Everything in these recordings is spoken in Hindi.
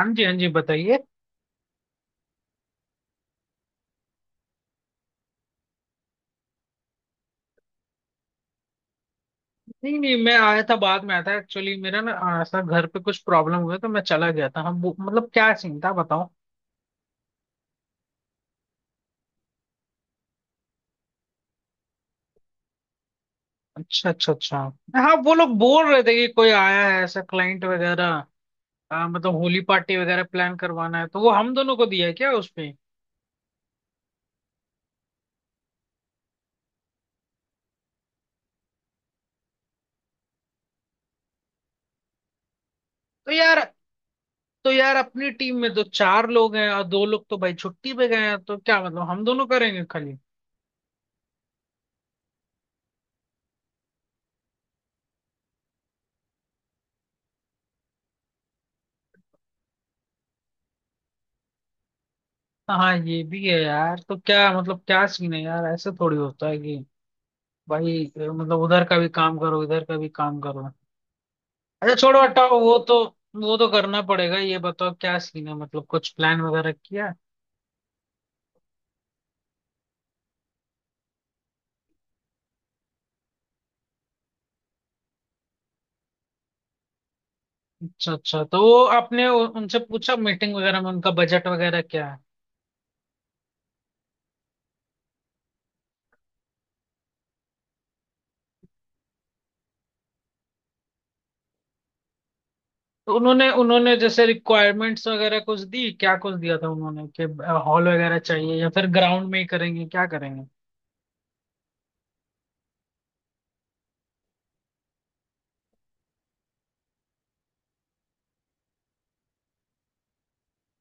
हाँ जी हाँ जी बताइए। नहीं नहीं, मैं आया था, बाद में आया था। एक्चुअली मेरा ना ऐसा घर पे कुछ प्रॉब्लम हुआ तो मैं चला गया था। हम वो मतलब क्या सीन था बताओ? अच्छा अच्छा अच्छा। हाँ वो लोग बोल रहे थे कि कोई आया है ऐसा क्लाइंट वगैरह। मतलब होली पार्टी वगैरह प्लान करवाना है तो वो हम दोनों को दिया है क्या उसपे? तो यार तो यार अपनी टीम में तो चार लोग हैं और दो लोग तो भाई छुट्टी पे गए हैं, तो क्या मतलब हम दोनों करेंगे खाली? हाँ ये भी है यार। तो क्या मतलब क्या सीन है यार? ऐसे थोड़ी होता है कि भाई मतलब उधर का भी काम करो इधर का भी काम करो। अच्छा छोड़ो हटाओ वो तो। वो तो करना पड़ेगा। ये बताओ क्या सीन है, मतलब कुछ प्लान वगैरह किया? अच्छा अच्छा, तो वो आपने उनसे पूछा मीटिंग वगैरह में उनका बजट वगैरह क्या है? तो उन्होंने उन्होंने जैसे रिक्वायरमेंट्स वगैरह कुछ दी क्या, कुछ दिया था उन्होंने कि हॉल वगैरह चाहिए या फिर ग्राउंड में ही करेंगे क्या करेंगे?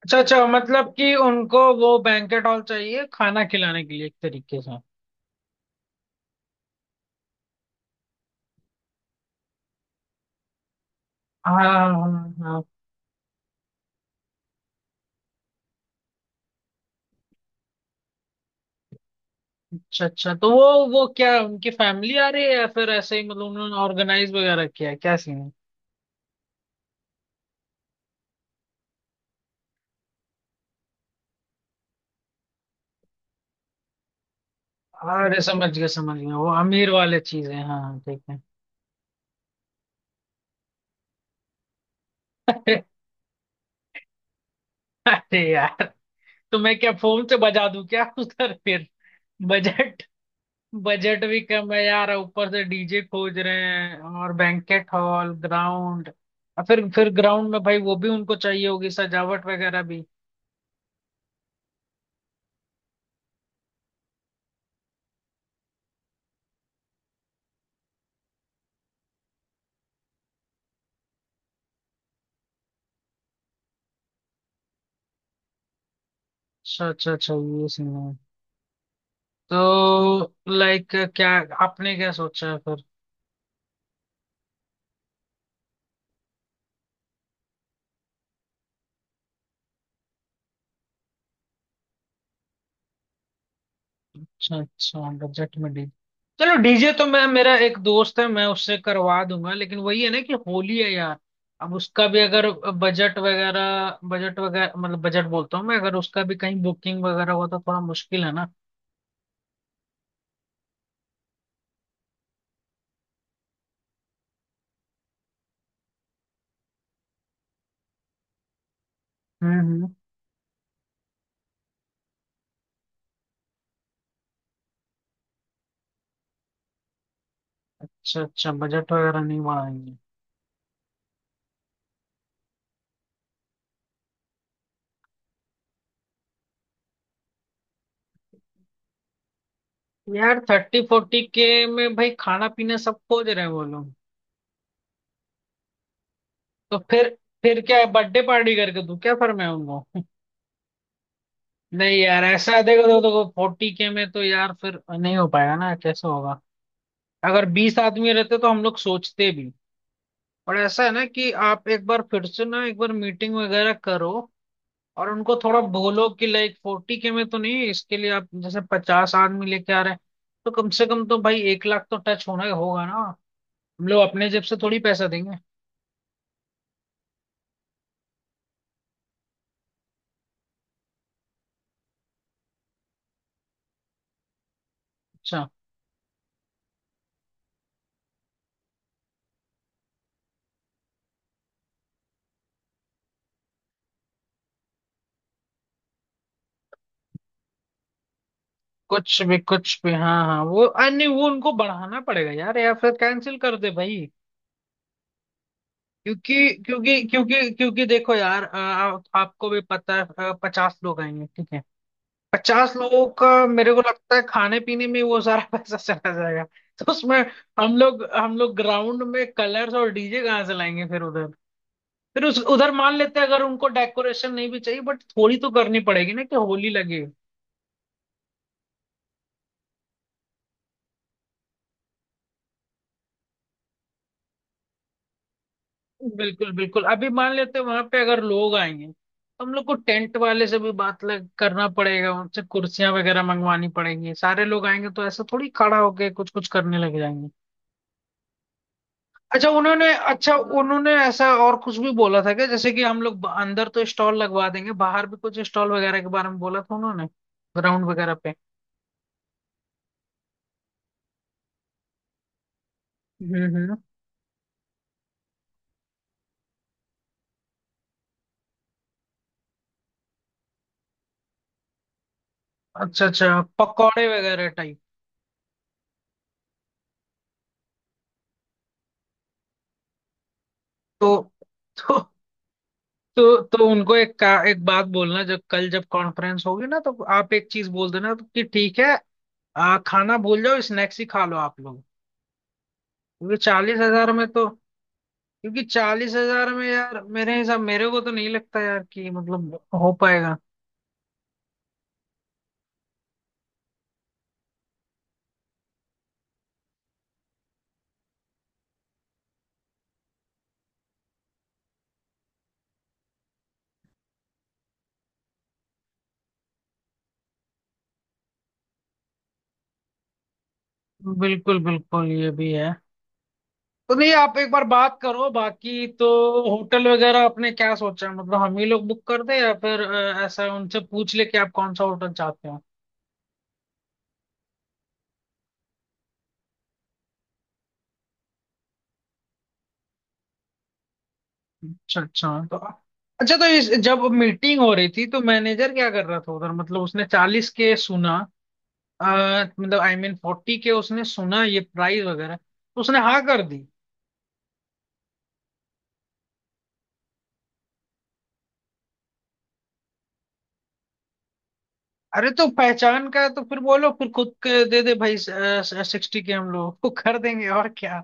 अच्छा अच्छा, मतलब कि उनको वो बैंकेट हॉल चाहिए खाना खिलाने के लिए एक तरीके से। हाँ हाँ हाँ। अच्छा अच्छा, तो वो क्या उनकी फैमिली आ रही है या फिर ऐसे ही मतलब उन्होंने ऑर्गेनाइज वगैरह किया है, क्या सीन है? अरे समझ गया समझ गया, वो अमीर वाले चीज है, हाँ हाँ, ठीक है। अरे। अरे यार, तो मैं क्या फोन से बजा दूं क्या उधर फिर? बजट। बजट भी कम है यार, ऊपर से डीजे खोज रहे हैं और बैंकेट हॉल ग्राउंड। और फिर ग्राउंड में भाई वो भी उनको चाहिए होगी सजावट वगैरह भी। अच्छा अच्छा अच्छा, ये सीन है। तो लाइक क्या आपने क्या सोचा है फिर? अच्छा अच्छा, बजट में डी चलो, डीजे तो मैं, मेरा एक दोस्त है, मैं उससे करवा दूंगा, लेकिन वही है ना कि होली है यार। अब उसका भी अगर बजट वगैरह मतलब बजट बोलता हूँ मैं, अगर उसका भी कहीं बुकिंग वगैरह हो तो थोड़ा मुश्किल है ना। हम्म। अच्छा अच्छा, बजट वगैरह नहीं बढ़ाएंगे। यार 30 40K में भाई खाना पीना सब खोज रहे हैं वो लोग। तो फिर क्या है, बर्थडे पार्टी करके दूं क्या फिर मैं उनको? नहीं यार, ऐसा देखो तो 40K में तो यार फिर नहीं हो पाएगा ना, कैसे होगा? अगर 20 आदमी रहते तो हम लोग सोचते भी। पर ऐसा है ना कि आप एक बार फिर से ना एक बार मीटिंग वगैरह करो और उनको थोड़ा बोलो कि लाइक 40K में तो नहीं, इसके लिए आप जैसे 50 आदमी लेके आ रहे हैं, तो कम से कम तो भाई 1 लाख तो टच होना ही होगा ना। हम लोग अपने जेब से थोड़ी पैसा देंगे। अच्छा। कुछ भी कुछ भी, हाँ हाँ, वो अरे नहीं वो उनको बढ़ाना पड़ेगा यार या फिर कैंसिल कर दे भाई। क्योंकि क्योंकि क्योंकि क्योंकि देखो यार, आपको भी पता है 50 लोग आएंगे, ठीक है? 50 लोगों का मेरे को लगता है खाने पीने में वो सारा पैसा चला जाएगा। तो उसमें हम लोग ग्राउंड में कलर्स और डीजे कहाँ से लाएंगे फिर उधर? फिर उस उधर मान लेते हैं, अगर उनको डेकोरेशन नहीं भी चाहिए बट थोड़ी तो करनी पड़ेगी ना कि होली लगे। बिल्कुल बिल्कुल। अभी मान लेते हैं वहां पे अगर लोग आएंगे तो हम लोग को टेंट वाले से भी बात लग करना पड़ेगा, उनसे कुर्सियां वगैरह मंगवानी पड़ेंगी, सारे लोग आएंगे तो ऐसा थोड़ी खड़ा होके कुछ कुछ करने लग जाएंगे। अच्छा उन्होंने अच्छा उन्होंने ऐसा और कुछ भी बोला था क्या, जैसे कि हम लोग अंदर तो स्टॉल लगवा देंगे, बाहर भी कुछ स्टॉल वगैरह के बारे में बोला था उन्होंने ग्राउंड वगैरह पे? हम्म। अच्छा अच्छा, पकौड़े वगैरह टाइप। तो तो तो उनको एक बात बोलना, जब कल जब कॉन्फ्रेंस होगी ना तो आप एक चीज बोल देना कि ठीक है, खाना भूल जाओ, स्नैक्स ही खा लो आप लोग। क्योंकि चालीस हजार में तो क्योंकि 40,000 में यार, मेरे को तो नहीं लगता यार कि मतलब हो पाएगा। बिल्कुल बिल्कुल, ये भी है। तो नहीं, आप एक बार बात करो बाकी तो। होटल वगैरह आपने क्या सोचा है? मतलब हम ही लोग बुक कर दें या फिर ऐसा उनसे पूछ ले कि आप कौन सा होटल चाहते हो? अच्छा अच्छा तो इस जब मीटिंग हो रही थी तो मैनेजर क्या कर रहा था उधर, मतलब उसने 40K सुना, अ, मतलब आई मीन 40K, उसने सुना ये प्राइस वगैरह तो उसने हाँ कर दी? अरे तो पहचान का है तो फिर बोलो, फिर खुद के दे दे भाई, 60K हम लोग को कर देंगे, और क्या।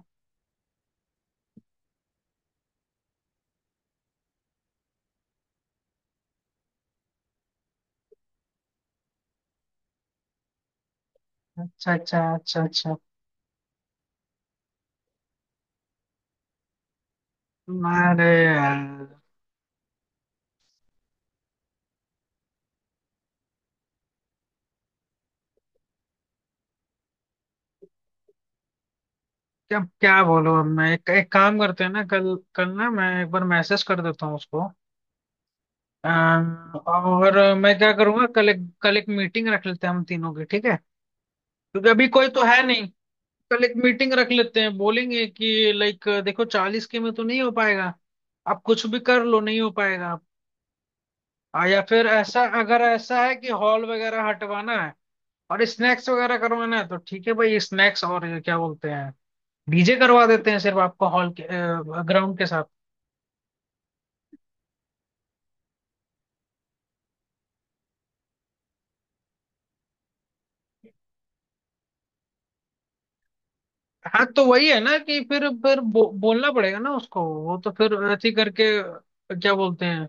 अच्छा अच्छा अच्छा अच्छा, अरे यार, क्या क्या बोलूं अब मैं? एक काम करते हैं ना, कल कल ना मैं एक बार मैसेज कर देता हूँ उसको। और मैं क्या करूंगा कल एक मीटिंग रख लेते हैं हम तीनों की, ठीक है। क्योंकि अभी कोई तो है नहीं। कल एक मीटिंग रख लेते हैं, बोलेंगे कि लाइक देखो 40K में तो नहीं हो पाएगा, आप कुछ भी कर लो नहीं हो पाएगा। या फिर ऐसा, अगर ऐसा है कि हॉल वगैरह हटवाना है और स्नैक्स वगैरह करवाना है तो ठीक है भाई स्नैक्स, और ये क्या बोलते हैं डीजे करवा देते हैं सिर्फ आपको हॉल के, ग्राउंड के साथ। हाँ तो वही है ना कि फिर बोलना पड़ेगा ना उसको, वो तो फिर ऐसे ही करके क्या बोलते हैं,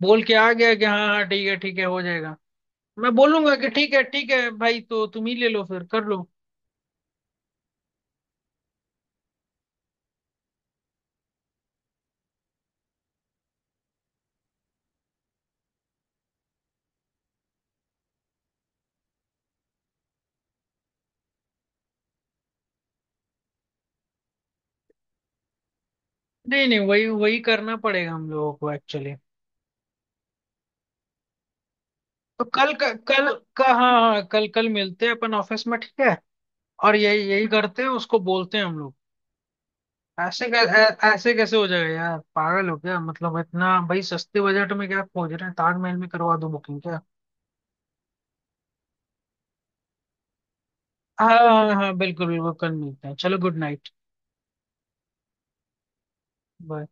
बोल के आ गया कि हाँ हाँ ठीक है हो जाएगा। मैं बोलूंगा कि ठीक है भाई, तो तुम ही ले लो फिर, कर लो। नहीं नहीं, वही वही करना पड़ेगा हम लोगों को एक्चुअली। तो कल क- कल का हाँ हाँ, कल कल मिलते हैं अपन ऑफिस में, ठीक है। और यही यही करते हैं, उसको बोलते हैं हम लोग। ऐसे कैसे हो जाएगा यार, पागल हो क्या? मतलब इतना भाई सस्ते बजट में क्या खोज रहे हैं, ताजमहल में करवा दो बुकिंग क्या? हाँ हाँ हाँ, बिल्कुल बिल्कुल, कल मिलते हैं, चलो गुड नाइट। बाय।